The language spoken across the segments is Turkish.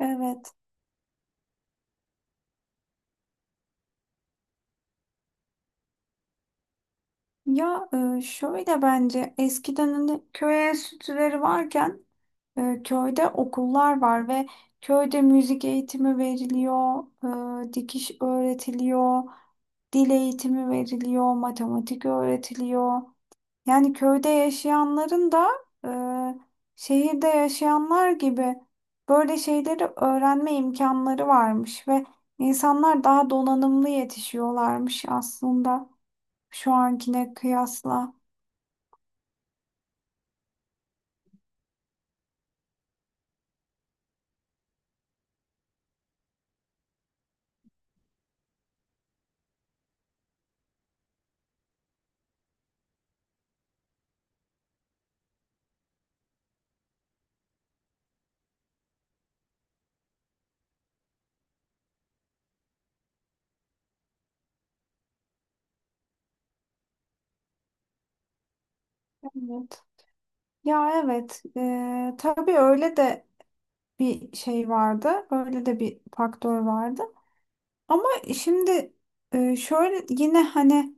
Evet. Ya şöyle bence eskiden hani köy enstitüleri varken köyde okullar var ve köyde müzik eğitimi veriliyor, dikiş öğretiliyor, dil eğitimi veriliyor, matematik öğretiliyor. Yani köyde yaşayanların da e, şehirde yaşayanlar gibi böyle şeyleri öğrenme imkanları varmış ve insanlar daha donanımlı yetişiyorlarmış aslında. Şu ankine kıyasla. Evet. Ya evet. Tabii öyle de bir şey vardı. Öyle de bir faktör vardı. Ama şimdi şöyle yine hani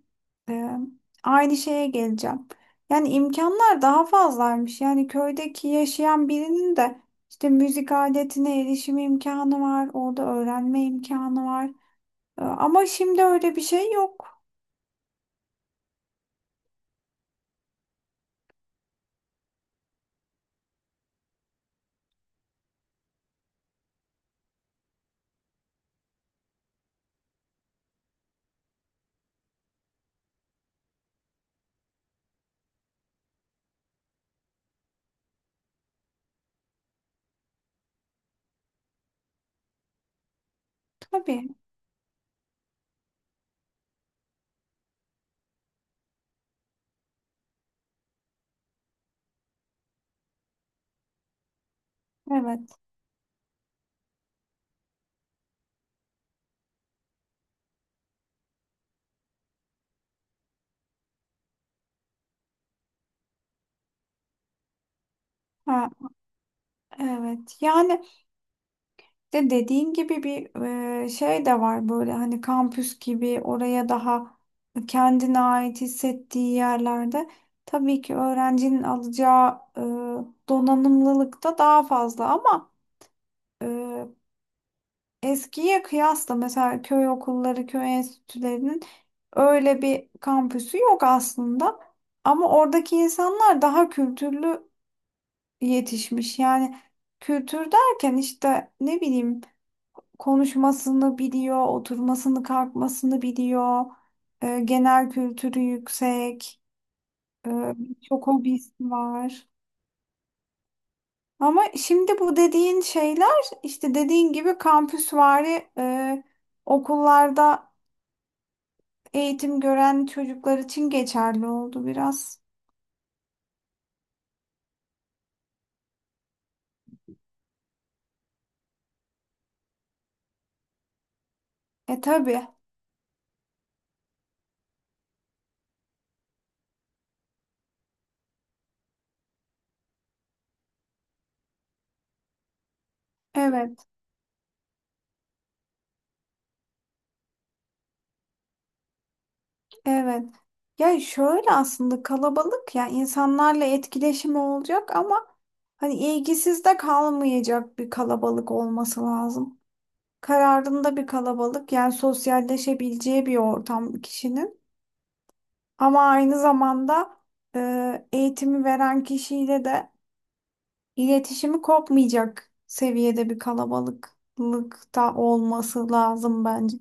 eee, aynı şeye geleceğim. Yani imkanlar daha fazlaymış. Yani köydeki yaşayan birinin de işte müzik aletine erişim imkanı var. Orada öğrenme imkanı var. Ama şimdi öyle bir şey yok. Tabii, evet. Ha, evet. Yani de dediğin gibi bir şey de var böyle hani kampüs gibi oraya daha kendine ait hissettiği yerlerde tabii ki öğrencinin alacağı donanımlılık da daha fazla ama e, Eskiye kıyasla mesela köy okulları, köy enstitülerinin öyle bir kampüsü yok aslında. Ama oradaki insanlar daha kültürlü yetişmiş. Yani kültür derken işte ne bileyim konuşmasını biliyor, oturmasını, kalkmasını biliyor. Genel kültürü yüksek, e, çok hobisi var. Ama şimdi bu dediğin şeyler işte dediğin gibi kampüsvari okullarda eğitim gören çocuklar için geçerli oldu biraz. E tabii. Evet, evet. Ya şöyle aslında kalabalık ya insanlarla etkileşimi olacak ama hani ilgisiz de kalmayacak bir kalabalık olması lazım. Kararında bir kalabalık yani sosyalleşebileceği bir ortam kişinin. Ama aynı zamanda eğitimi veren kişiyle de iletişimi kopmayacak seviyede bir kalabalıklık da olması lazım bence.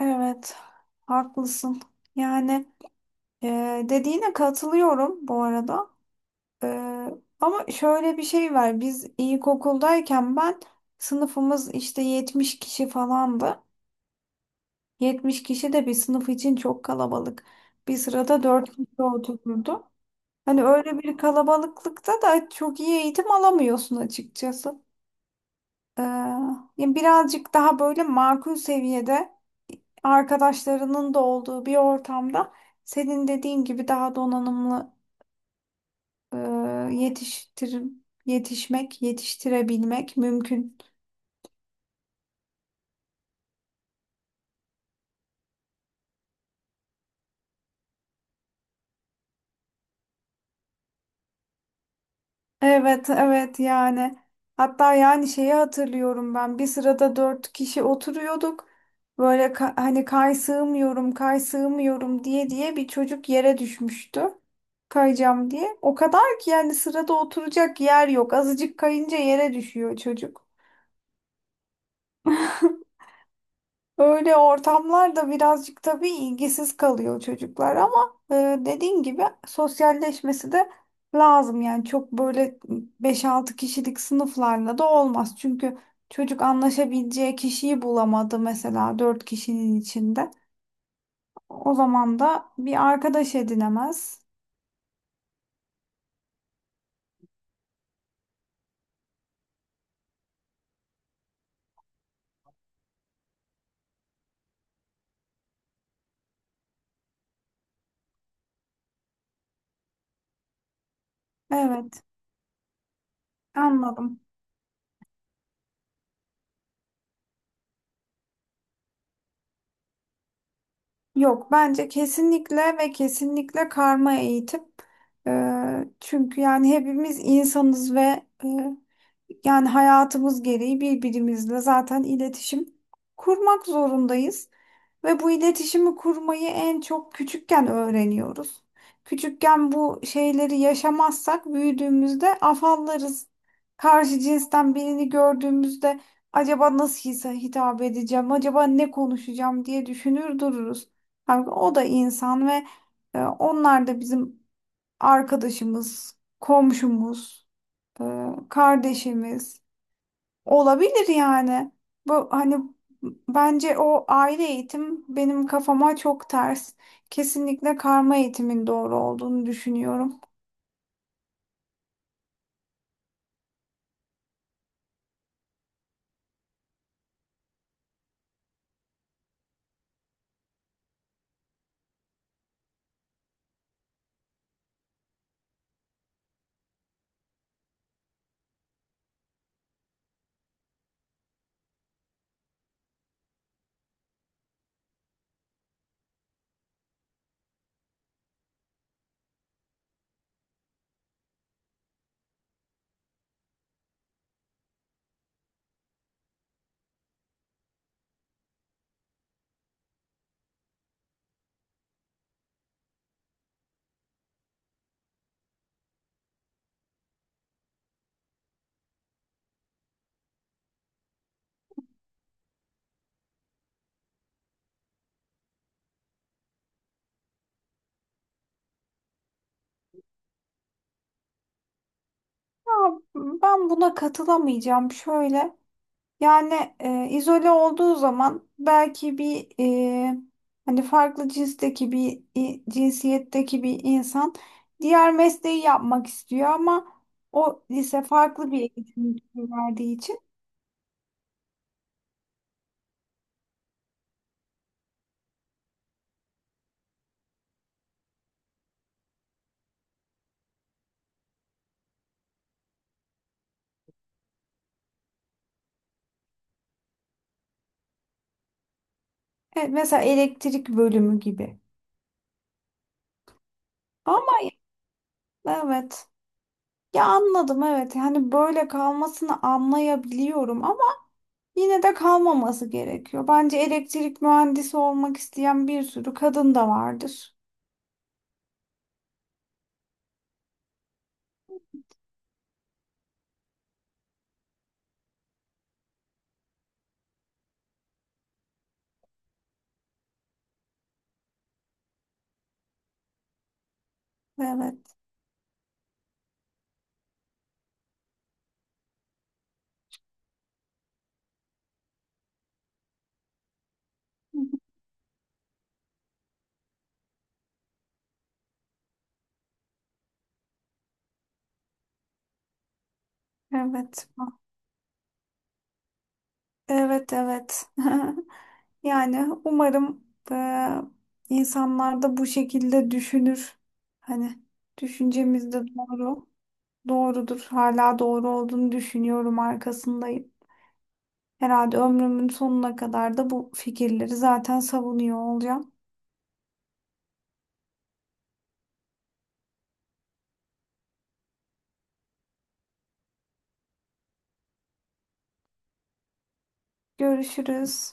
Evet, haklısın. Yani dediğine katılıyorum bu arada. E, ama şöyle bir şey var. Biz ilkokuldayken ben sınıfımız işte 70 kişi falandı. 70 kişi de bir sınıf için çok kalabalık. Bir sırada 4 kişi otururdu. Hani öyle bir kalabalıklıkta da çok iyi eğitim alamıyorsun açıkçası. E, Yani birazcık daha böyle makul seviyede arkadaşlarının da olduğu bir ortamda senin dediğin gibi daha donanımlı e, yetiştir yetişmek, yetiştirebilmek mümkün. Evet, evet yani. Hatta yani şeyi hatırlıyorum ben. Bir sırada dört kişi oturuyorduk. Böyle hani kay sığmıyorum, kay sığmıyorum diye diye bir çocuk yere düşmüştü. Kayacağım diye. O kadar ki yani sırada oturacak yer yok. Azıcık kayınca yere düşüyor çocuk. Öyle ortamlarda birazcık tabii ilgisiz kalıyor çocuklar ama dediğin gibi sosyalleşmesi de lazım. Yani çok böyle beş altı kişilik sınıflarla da olmaz. Çünkü çocuk anlaşabileceği kişiyi bulamadı mesela 4 kişinin içinde. O zaman da bir arkadaş edinemez. Evet, anladım. Yok bence kesinlikle ve kesinlikle karma eğitim. Çünkü yani hepimiz insanız ve yani hayatımız gereği birbirimizle zaten iletişim kurmak zorundayız. Ve bu iletişimi kurmayı en çok küçükken öğreniyoruz. Küçükken bu şeyleri yaşamazsak büyüdüğümüzde afallarız. Karşı cinsten birini gördüğümüzde acaba nasıl hitap edeceğim, acaba ne konuşacağım diye düşünür dururuz. Halbuki o da insan ve onlar da bizim arkadaşımız, komşumuz, e, kardeşimiz. Olabilir yani. Bu hani bence o aile eğitim benim kafama çok ters. Kesinlikle karma eğitimin doğru olduğunu düşünüyorum. Ama ben buna katılamayacağım şöyle. Yani izole olduğu zaman belki bir e, hani farklı cinsteki cinsiyetteki bir insan diğer mesleği yapmak istiyor ama o lise farklı bir eğitim verdiği için mesela elektrik bölümü gibi. Evet. Ya anladım evet. Hani böyle kalmasını anlayabiliyorum ama yine de kalmaması gerekiyor. Bence elektrik mühendisi olmak isteyen bir sürü kadın da vardır. Evet. Evet. Evet, evet. Yani umarım eee, insanlar da bu şekilde düşünür. Hani düşüncemiz de doğru. Doğrudur. Hala doğru olduğunu düşünüyorum arkasındayım. Herhalde ömrümün sonuna kadar da bu fikirleri zaten savunuyor olacağım. Görüşürüz.